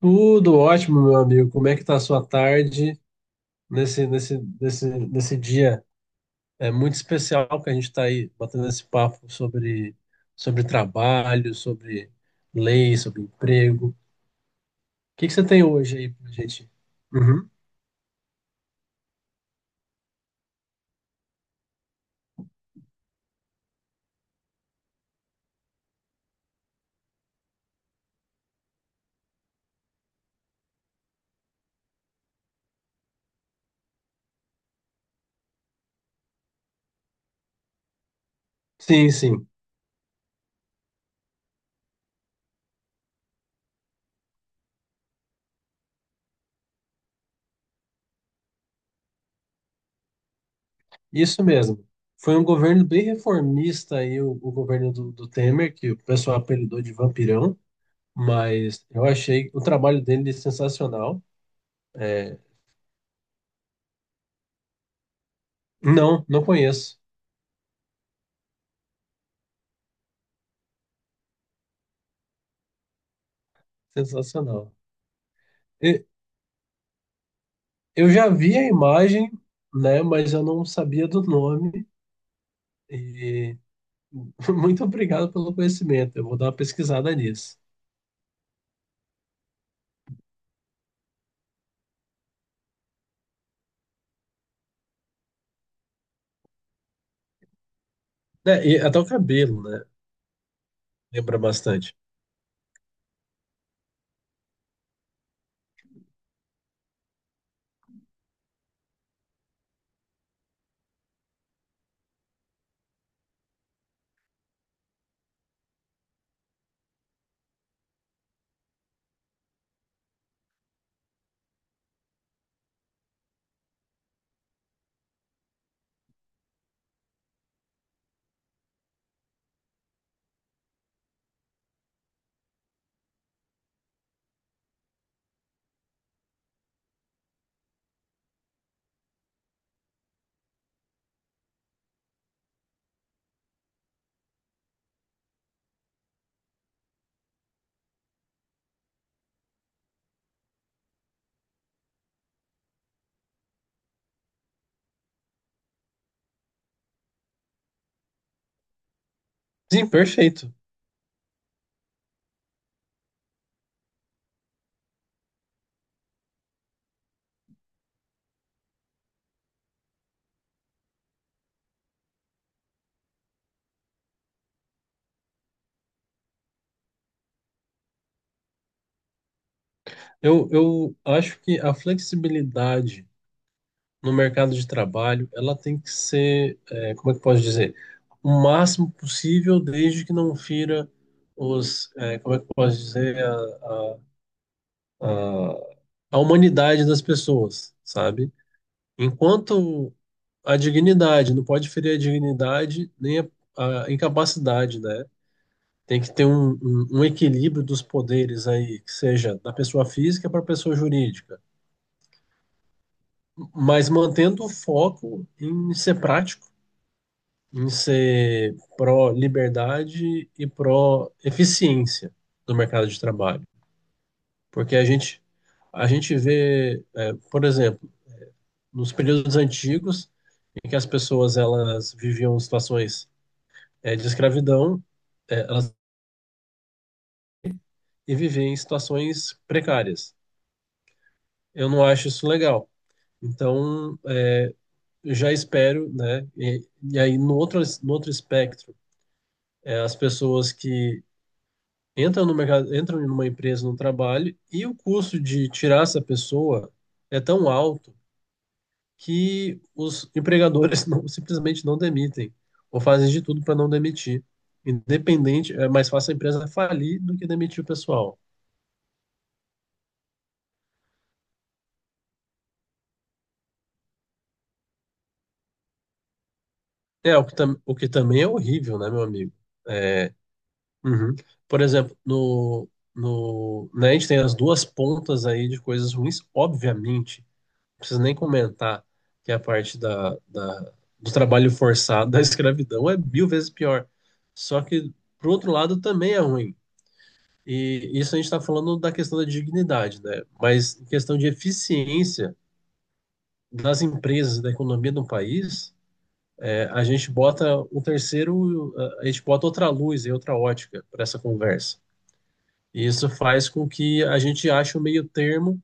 Tudo ótimo, meu amigo. Como é que tá a sua tarde nesse dia? É muito especial que a gente está aí batendo esse papo sobre trabalho, sobre lei, sobre emprego. O que que você tem hoje aí pra gente? Uhum. Sim, sim. Isso mesmo. Foi um governo bem reformista aí, o governo do Temer, que o pessoal apelidou de vampirão, mas eu achei o trabalho dele sensacional. É, não, não conheço. Sensacional. E- Eu já vi a imagem, né, mas eu não sabia do nome. E muito obrigado pelo conhecimento. Eu vou dar uma pesquisada nisso. Né, e até o cabelo, né? Lembra bastante. Sim, perfeito. Eu acho que a flexibilidade no mercado de trabalho, ela tem que ser, é, como é que eu posso dizer? O máximo possível, desde que não fira os, é, como é que eu posso dizer, a a humanidade das pessoas, sabe? Enquanto a dignidade, não pode ferir a dignidade nem a incapacidade, né? Tem que ter um equilíbrio dos poderes aí, que seja da pessoa física para a pessoa jurídica, mas mantendo o foco em ser prático, em ser pró-liberdade e pró-eficiência do mercado de trabalho. Porque a gente vê, é, por exemplo, nos períodos antigos, em que as pessoas elas viviam situações é, de escravidão é, elas, e viver em situações precárias. Eu não acho isso legal. Então, é, eu já espero, né? E aí, no outro espectro, é, as pessoas que entram no mercado, entram em uma empresa, no trabalho, e o custo de tirar essa pessoa é tão alto que os empregadores não, simplesmente não demitem, ou fazem de tudo para não demitir. Independente, é mais fácil a empresa falir do que demitir o pessoal. É, o que também é horrível, né, meu amigo? É, uhum. Por exemplo, no, no, né, a gente tem as duas pontas aí de coisas ruins, obviamente, não precisa nem comentar que é a parte do trabalho forçado, da escravidão, é mil vezes pior. Só que, por outro lado, também é ruim. E isso a gente está falando da questão da dignidade, né? Mas em questão de eficiência das empresas, e da economia do país. A gente bota um terceiro, a gente bota outra luz e outra ótica para essa conversa. E isso faz com que a gente ache um meio termo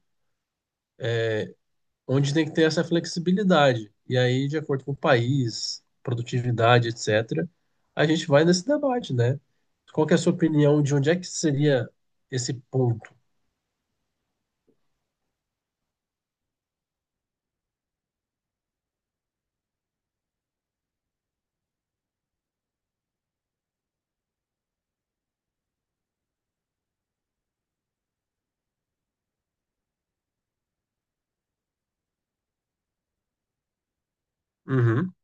onde tem que ter essa flexibilidade. E aí, de acordo com o país, produtividade, etc., a gente vai nesse debate, né? Qual que é a sua opinião de onde é que seria esse ponto? Uhum.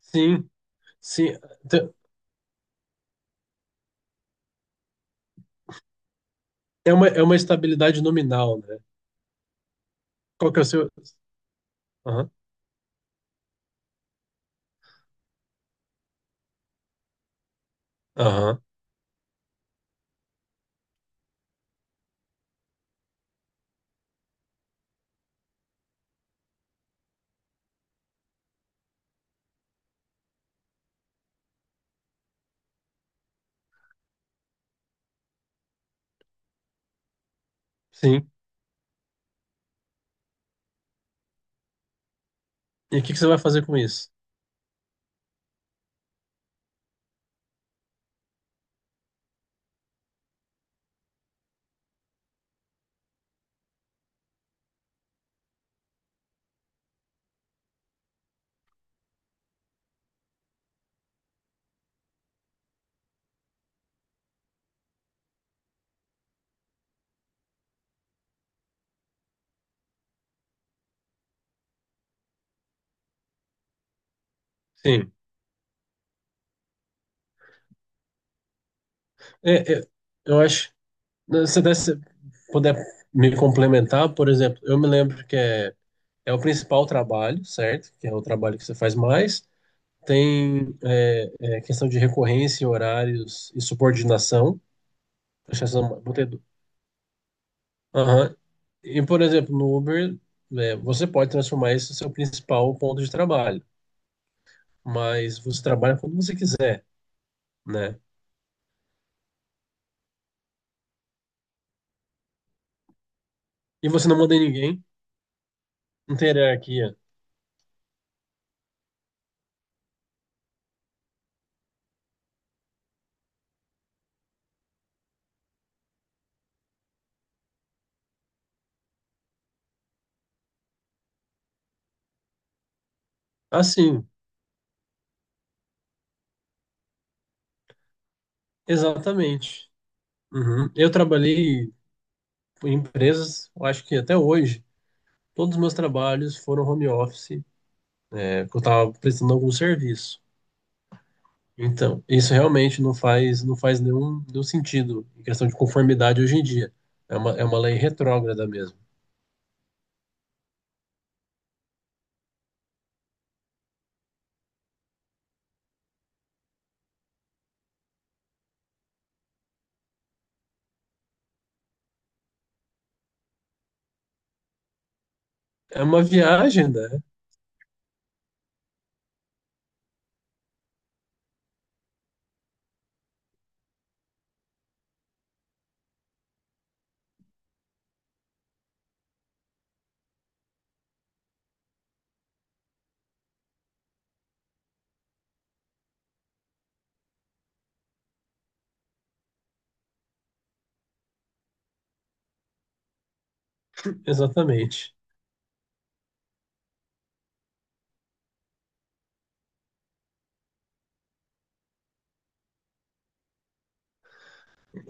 Sim, sim. Te- é uma estabilidade nominal, né? Qual que é o seu... Aham, aham, sim. E o que que você vai fazer com isso? Sim. É, é, eu acho. Né, se puder me complementar, por exemplo, eu me lembro que é o principal trabalho, certo? Que é o trabalho que você faz mais. Tem questão de recorrência, horários e subordinação. Acho que essa Aham. E, por exemplo, no Uber, né, você pode transformar isso no seu principal ponto de trabalho, mas você trabalha quando você quiser, né? E você não manda em ninguém, não tem hierarquia. Assim, exatamente. Uhum. Eu trabalhei em empresas, eu acho que até hoje, todos os meus trabalhos foram home office, porque eu estava prestando algum serviço. Então, isso realmente não faz nenhum sentido em questão de conformidade hoje em dia. É uma lei retrógrada mesmo. É uma viagem, né? Exatamente.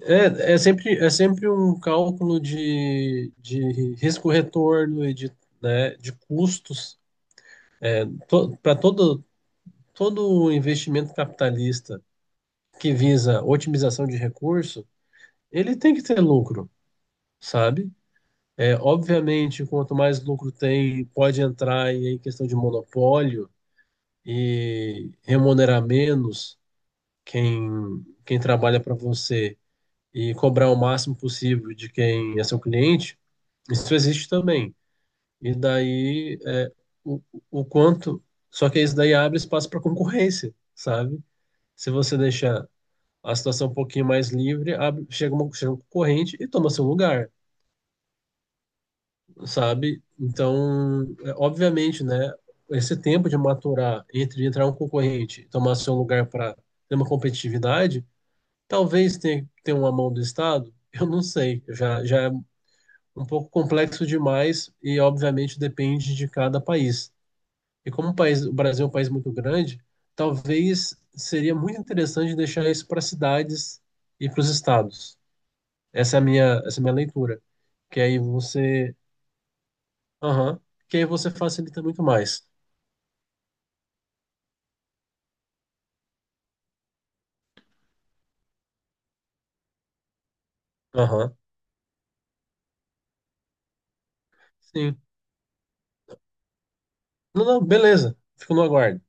É sempre um cálculo de risco-retorno e né, de custos. Para todo investimento capitalista que visa otimização de recurso, ele tem que ter lucro, sabe? É, obviamente, quanto mais lucro tem, pode entrar em questão de monopólio e remunerar menos quem, quem trabalha para você e cobrar o máximo possível de quem é seu cliente. Isso existe também. E daí, o, o quanto. Só que isso daí abre espaço para concorrência, sabe? Se você deixar a situação um pouquinho mais livre, abre, chega um concorrente e toma seu lugar, sabe? Então, obviamente, né, esse tempo de maturar entre entrar um concorrente e tomar seu lugar para ter uma competitividade, talvez tenha uma mão do Estado, eu não sei, já é um pouco complexo demais e, obviamente, depende de cada país. E como o Brasil é um país muito grande, talvez seria muito interessante deixar isso para cidades e para os estados. Essa é a minha leitura. Que aí você. Aham. Que aí você facilita muito mais. Aham. Sim. Não, não, beleza. Fico no aguardo.